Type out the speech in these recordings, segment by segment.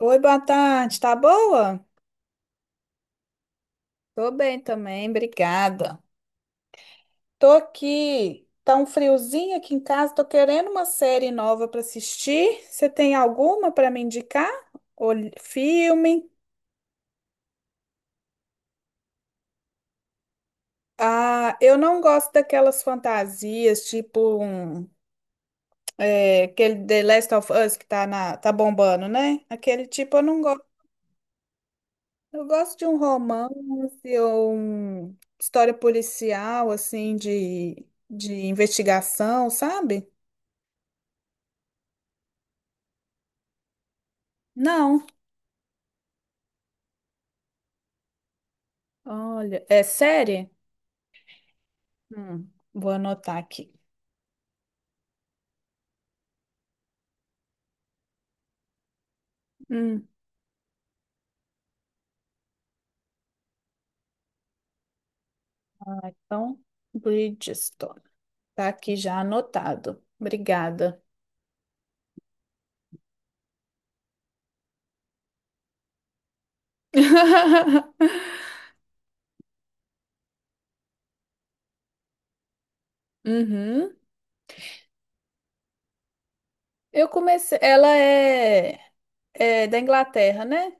Oi, boa tarde, tá boa? Tô bem também, obrigada. Tô aqui, tá um friozinho aqui em casa, tô querendo uma série nova pra assistir. Você tem alguma pra me indicar? Ou filme? Ah, eu não gosto daquelas fantasias, tipo um, é, aquele The Last of Us que tá bombando, né? Aquele tipo eu não gosto. Eu gosto de um romance ou um história policial, assim, de investigação, sabe? Não. Olha, é série? Hum, vou anotar aqui. Hum, ah, então, Bridgestone. Tá aqui já anotado. Obrigada. Uhum. Eu comecei. Ela é da Inglaterra, né?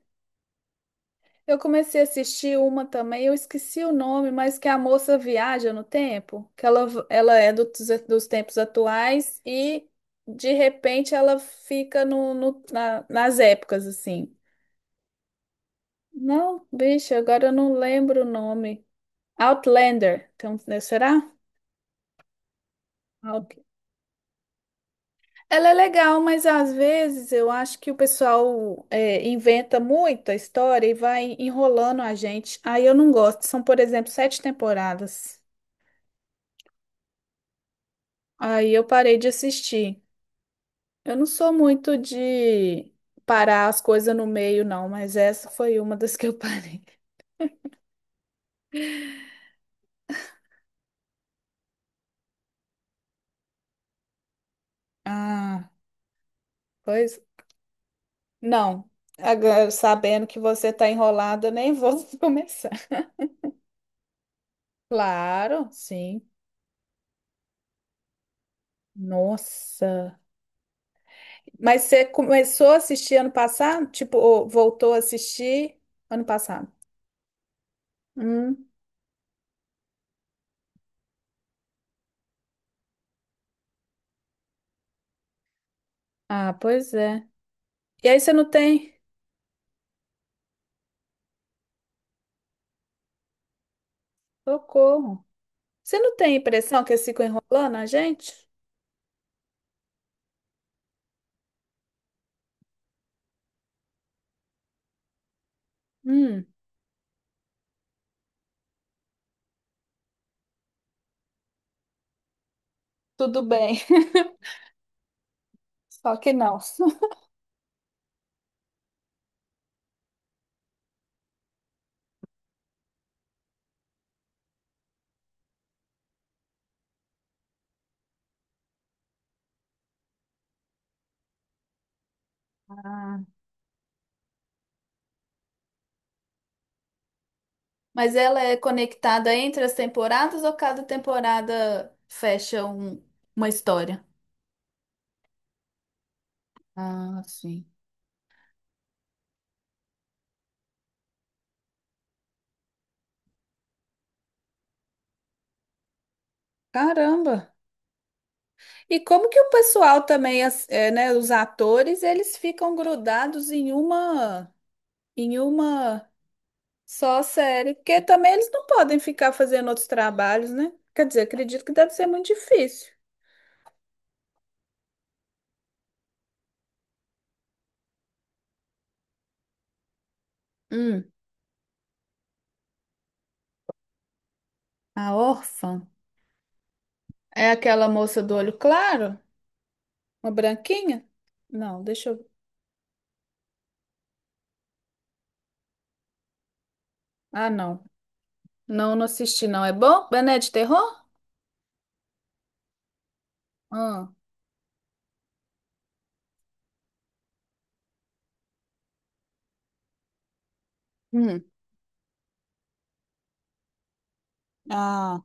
Eu comecei a assistir uma também, eu esqueci o nome, mas que é a moça viaja no tempo, que ela é dos tempos atuais e de repente ela fica nas épocas assim. Não, bicho, agora eu não lembro o nome. Outlander, então, né, será? Out- Ela é legal, mas às vezes eu acho que o pessoal é, inventa muita história e vai enrolando a gente. Aí eu não gosto. São, por exemplo, 7 temporadas. Aí eu parei de assistir. Eu não sou muito de parar as coisas no meio, não, mas essa foi uma das que eu parei. Ah, pois não. Agora, sabendo que você tá enrolada, eu nem vou começar. Claro, sim. Nossa. Mas você começou a assistir ano passado? Tipo, ou voltou a assistir ano passado? Hum. Ah, pois é. E aí você não tem? Socorro. Você não tem a impressão que eles ficam enrolando a gente? Hum. Tudo bem, só que não. Ah, mas ela é conectada entre as temporadas ou cada temporada fecha uma história? Ah, sim. Caramba! E como que o pessoal também, é, né, os atores, eles ficam grudados em uma só série? Porque também eles não podem ficar fazendo outros trabalhos, né? Quer dizer, acredito que deve ser muito difícil. Hum, a órfã é aquela moça do olho claro? Uma branquinha? Não, deixa eu. Ah, não. Não, não assisti, não. É bom? Mas não é de terror? Ah, hum. Ah,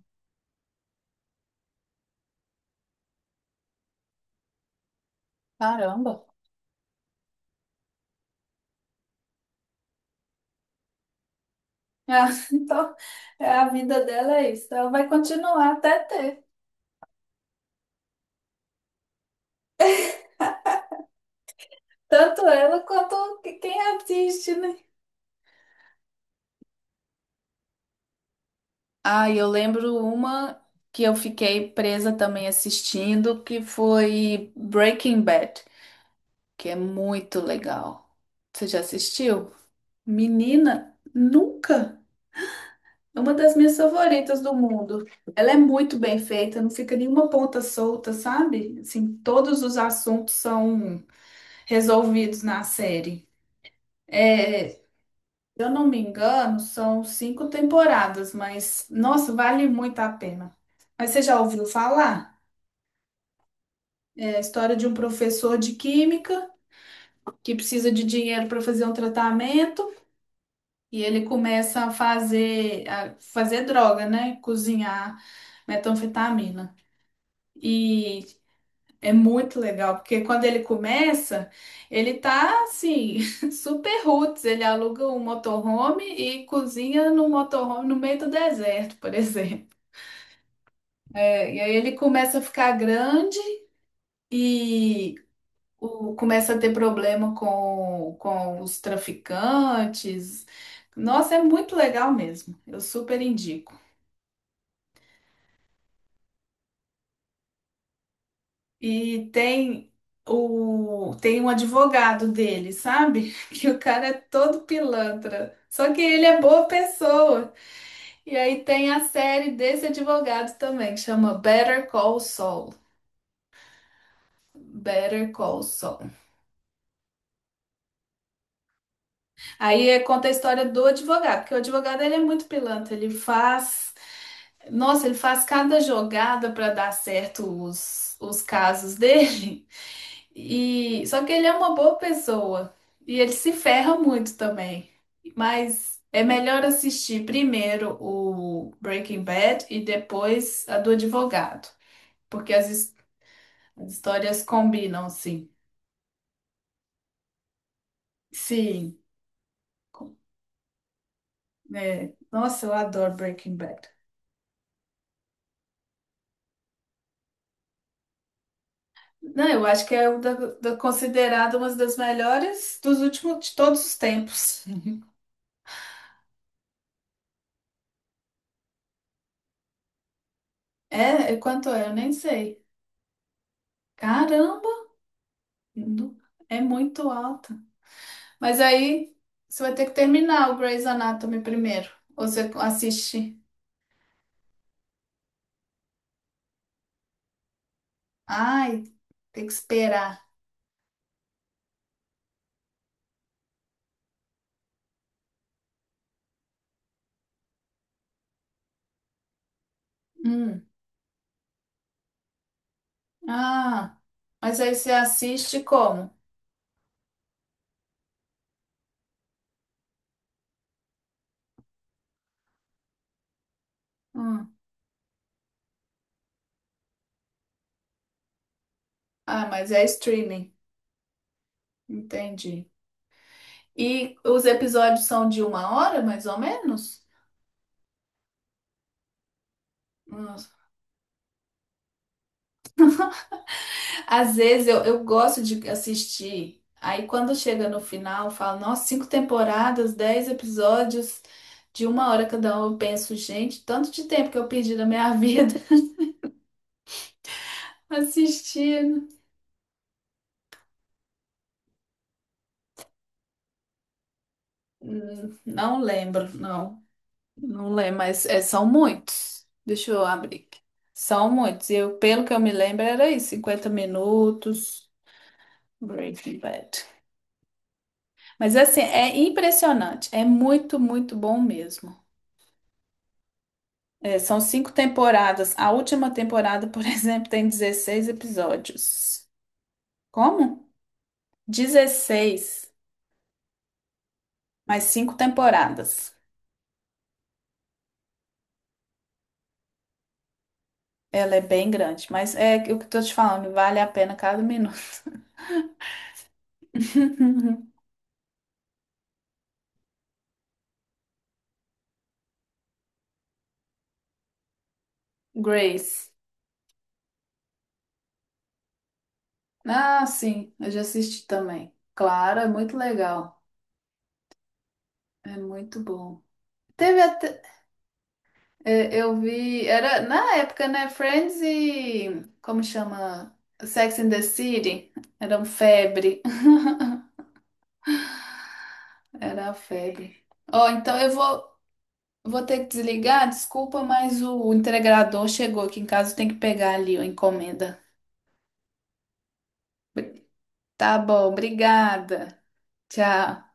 caramba. Ah, então, é, a vida dela é isso. Ela vai continuar até ter. Tanto ela quanto que- quem assiste, né? Ah, e eu lembro uma que eu fiquei presa também assistindo, que foi Breaking Bad, que é muito legal. Você já assistiu? Menina, nunca. É uma das minhas favoritas do mundo. Ela é muito bem feita, não fica nenhuma ponta solta, sabe? Assim, todos os assuntos são resolvidos na série. É, se eu não me engano, são 5 temporadas, mas nossa, vale muito a pena. Mas você já ouviu falar? É a história de um professor de química que precisa de dinheiro para fazer um tratamento e ele começa a fazer, droga, né? Cozinhar metanfetamina. E é muito legal, porque quando ele começa, ele tá assim, super roots. Ele aluga um motorhome e cozinha no motorhome no meio do deserto, por exemplo. É, e aí ele começa a ficar grande e o- começa a ter problema com os traficantes. Nossa, é muito legal mesmo. Eu super indico. E tem o tem um advogado dele, sabe? Que o cara é todo pilantra. Só que ele é boa pessoa. E aí tem a série desse advogado também, que chama Better Call Saul. Better Call Saul. Aí é- conta a história do advogado, porque o advogado ele é muito pilantra, ele faz, nossa, ele faz cada jogada para dar certo os casos dele. E só que ele é uma boa pessoa e ele se ferra muito também. Mas é melhor assistir primeiro o Breaking Bad e depois a do advogado, porque as histórias combinam, sim. Sim. É, nossa, eu adoro Breaking Bad. Não, eu acho que é o da, da- considerado uma das melhores dos últimos de todos os tempos. É, é quanto é? Eu nem sei. Caramba, nu- é muito alta. Mas aí você vai ter que terminar o Grey's Anatomy primeiro. Ou você assiste. Ai, tem que esperar. Hum. Ah, mas aí você assiste como? Hum. Ah, mas é streaming. Entendi. E os episódios são de uma hora, mais ou menos? Hum. Às vezes eu gosto de assistir. Aí quando chega no final, eu falo, nossa, cinco temporadas, 10 episódios de uma hora cada um. Eu penso, gente, tanto de tempo que eu perdi na minha vida assistindo. Não lembro, não. Não lembro, mas é, são muitos. Deixa eu abrir aqui. São muitos. Eu, pelo que eu me lembro, era isso, 50 minutos. Breaking Bad. Mas assim, é impressionante. É muito, muito bom mesmo. É, são 5 temporadas. A última temporada, por exemplo, tem 16 episódios. Como? 16 mais 5 temporadas. Ela é bem grande, mas é o que eu tô te falando, vale a pena cada minuto. Grace. Ah, sim, eu já assisti também. Claro, é muito legal. É muito bom. Teve até. É, eu vi. Era na época, né? Friends e. Como chama? Sex and the City. Eram febre. Era a febre. Ó, então eu vou, vou ter que desligar, desculpa, mas o entregador chegou aqui em casa, tem que pegar ali a encomenda. Tá bom, obrigada. Tchau.